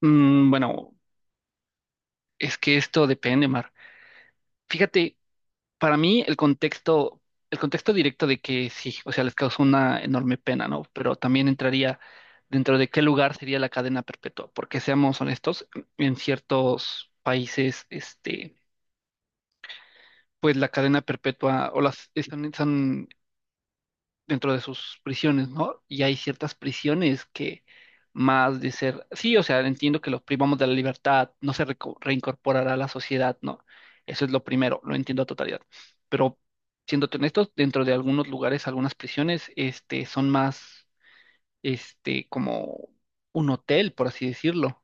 Bueno, es que esto depende, Mar. Fíjate, para mí el contexto directo de que sí, o sea, les causó una enorme pena, ¿no? Pero también entraría dentro de qué lugar sería la cadena perpetua, porque seamos honestos, en ciertos países, pues la cadena perpetua o las están, dentro de sus prisiones, ¿no? Y hay ciertas prisiones que más de ser, sí, o sea, entiendo que los privamos de la libertad, no se reincorporará a la sociedad, ¿no? Eso es lo primero, lo entiendo a totalidad. Pero siéndote honestos, dentro de algunos lugares, algunas prisiones, son más, como un hotel, por así decirlo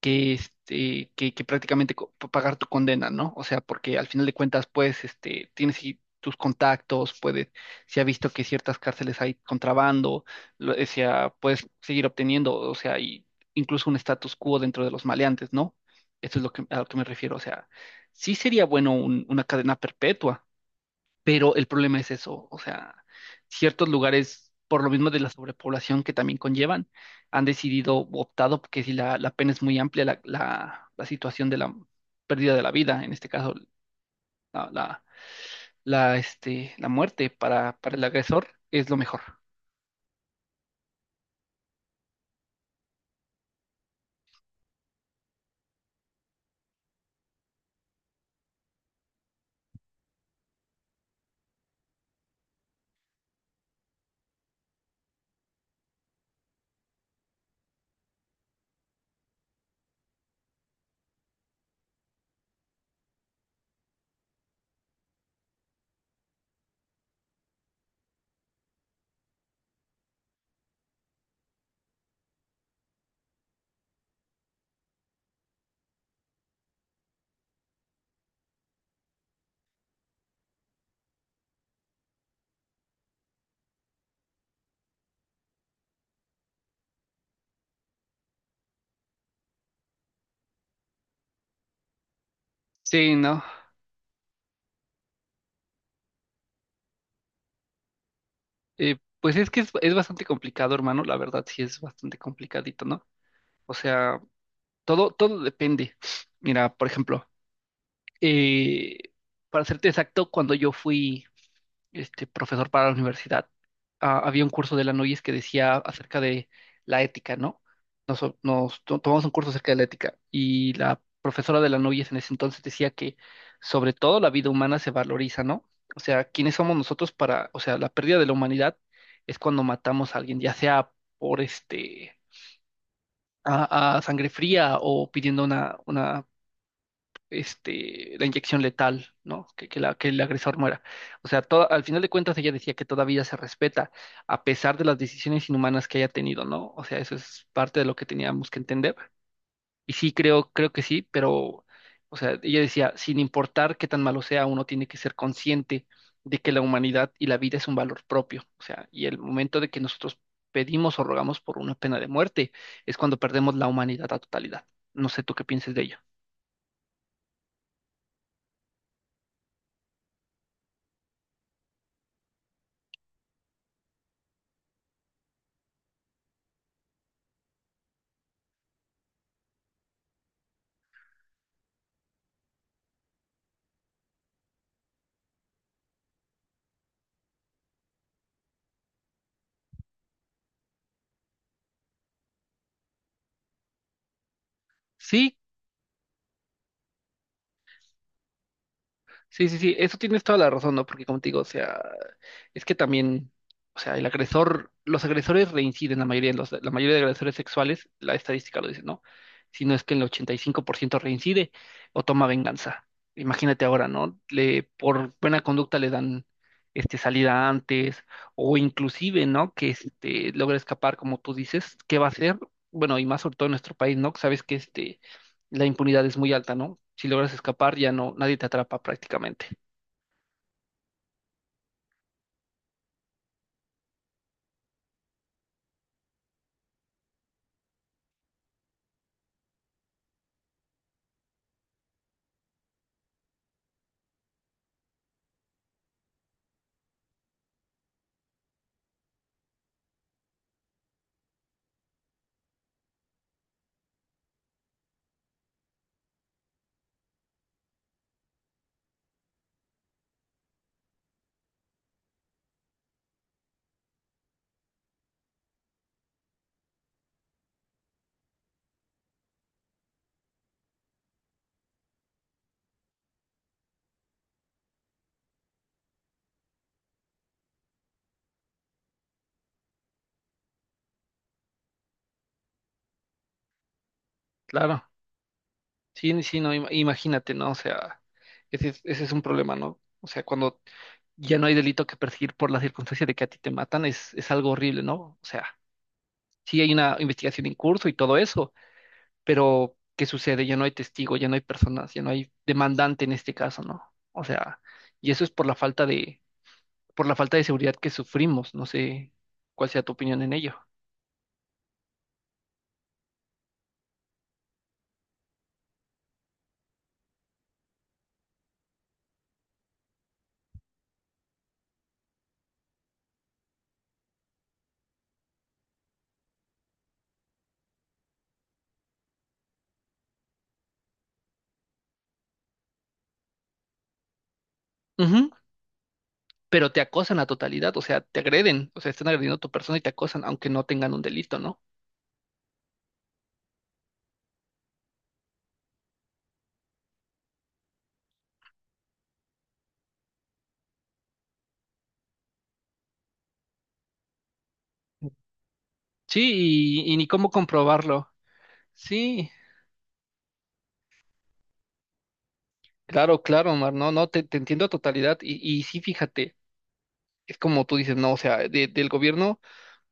que, que prácticamente pagar tu condena, ¿no? O sea, porque al final de cuentas, pues, tienes ahí tus contactos, puedes, se ha visto que ciertas cárceles hay contrabando, o sea, puedes seguir obteniendo, o sea, y incluso un status quo dentro de los maleantes, ¿no? Eso es lo que, a lo que me refiero, o sea, sí sería bueno una cadena perpetua. Pero el problema es eso, o sea, ciertos lugares, por lo mismo de la sobrepoblación que también conllevan, han decidido, o optado, porque si la pena es muy amplia, la situación de la pérdida de la vida, en este caso, la, la, la muerte para el agresor, es lo mejor. Sí, ¿no? Pues es que es bastante complicado, hermano, la verdad sí es bastante complicadito, ¿no? O sea, todo depende. Mira, por ejemplo, eh, para serte exacto, cuando yo fui este profesor para la universidad, había un curso de la Noyes que decía acerca de la ética, ¿no? Tomamos un curso acerca de la ética y la profesora de la Noyes en ese entonces decía que sobre todo la vida humana se valoriza, ¿no? O sea, ¿quiénes somos nosotros para, o sea, la pérdida de la humanidad es cuando matamos a alguien, ya sea por a sangre fría o pidiendo una la inyección letal, ¿no? Que el agresor muera. O sea, al final de cuentas ella decía que todavía se respeta, a pesar de las decisiones inhumanas que haya tenido, ¿no? O sea, eso es parte de lo que teníamos que entender. Y sí, creo que sí, pero, o sea, ella decía, sin importar qué tan malo sea, uno tiene que ser consciente de que la humanidad y la vida es un valor propio. O sea, y el momento de que nosotros pedimos o rogamos por una pena de muerte es cuando perdemos la humanidad a totalidad. No sé tú qué pienses de ello. Sí, sí, eso tienes toda la razón, ¿no? Porque como te digo, o sea, es que también, o sea, el agresor, los agresores reinciden, la mayoría, la mayoría de agresores sexuales, la estadística lo dice, ¿no? Si no es que el 85% reincide o toma venganza. Imagínate ahora, ¿no? Le, por buena conducta le dan salida antes o inclusive, ¿no? Que este, logra escapar, como tú dices, ¿qué va a hacer? Bueno, y más sobre todo en nuestro país, ¿no? Sabes que este la impunidad es muy alta, ¿no? Si logras escapar, ya no, nadie te atrapa prácticamente. Claro, sí, sí, no, imagínate, ¿no? O sea, ese es un problema, ¿no? O sea, cuando ya no hay delito que perseguir por la circunstancia de que a ti te matan, es algo horrible, ¿no? O sea, sí hay una investigación en curso y todo eso, pero ¿qué sucede? Ya no hay testigo, ya no hay personas, ya no hay demandante en este caso, ¿no? O sea, y eso es por la falta de, por la falta de seguridad que sufrimos, no sé cuál sea tu opinión en ello. Pero te acosan la totalidad, o sea, te agreden, o sea, están agrediendo a tu persona y te acosan, aunque no tengan un delito, ¿no? Sí, y ni cómo comprobarlo. Sí, claro, claro, Omar, no, no, te entiendo a totalidad y sí, fíjate, es como tú dices, no, o sea, del gobierno.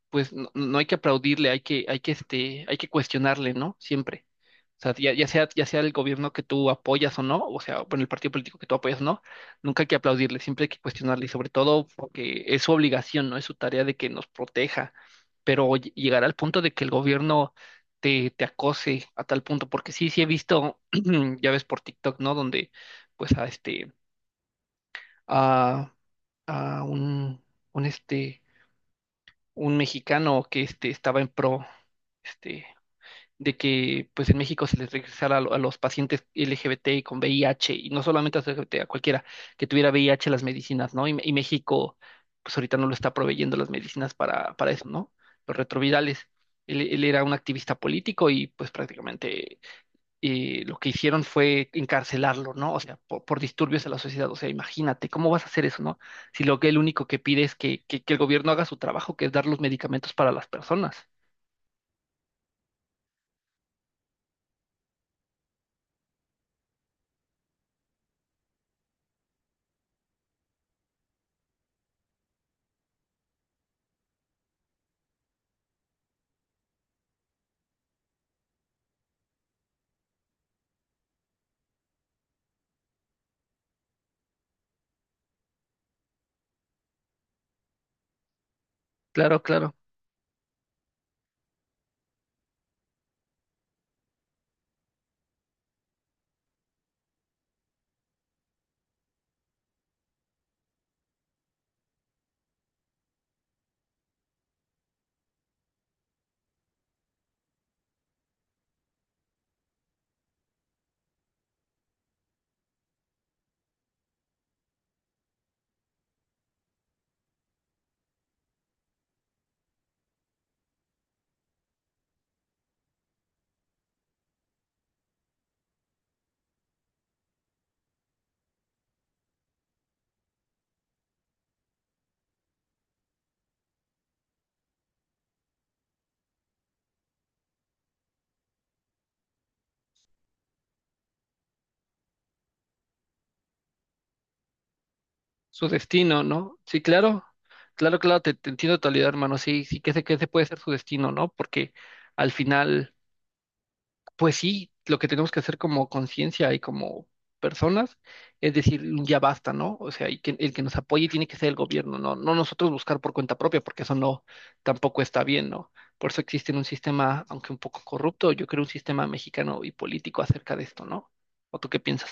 Pues no, no hay que aplaudirle, hay que cuestionarle, ¿no? Siempre. O sea, ya sea el gobierno que tú apoyas o no, o sea, bueno, el partido político que tú apoyas o no, nunca hay que aplaudirle, siempre hay que cuestionarle, y sobre todo porque es su obligación, ¿no? Es su tarea de que nos proteja. Pero llegar al punto de que el gobierno te acose a tal punto, porque sí, sí he visto, ya ves por TikTok, ¿no? Donde, pues, a este, a, a un este un mexicano que este, estaba en pro este, de que pues en México se les regresara a los pacientes LGBT y con VIH, y no solamente a los LGBT, a cualquiera que tuviera VIH las medicinas, ¿no? Y México pues ahorita no lo está proveyendo las medicinas para eso, ¿no? Los retrovirales. Él era un activista político y pues prácticamente lo que hicieron fue encarcelarlo, ¿no? O sea, disturbios a la sociedad. O sea, imagínate, ¿cómo vas a hacer eso, no? Si lo que el único que pide es que el gobierno haga su trabajo, que es dar los medicamentos para las personas. Claro, claro. Su destino, ¿no? Sí, claro. Claro, claro, te entiendo en totalidad, hermano. Sí, sí, que ese puede ser su destino, ¿no? Porque al final. Pues sí, lo que tenemos que hacer como conciencia y como personas es decir, ya basta, ¿no? O sea, y que el que nos apoye tiene que ser el gobierno, ¿no? No nosotros buscar por cuenta propia, porque eso no, tampoco está bien, ¿no? Por eso existe un sistema, aunque un poco corrupto, yo creo un sistema mexicano y político acerca de esto, ¿no? ¿O tú qué piensas?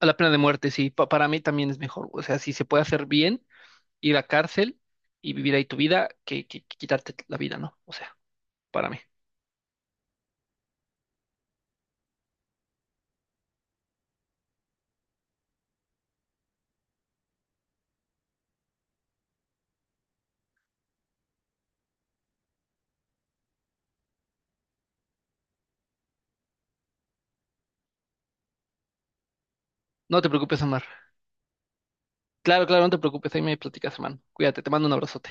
A la pena de muerte, sí, para mí también es mejor. O sea, si se puede hacer bien, ir a cárcel y vivir ahí tu vida, que quitarte la vida, ¿no? O sea, para mí. No te preocupes, Omar. Claro, claro, no te preocupes, ahí me platicas, hermano. Cuídate, te mando un abrazote.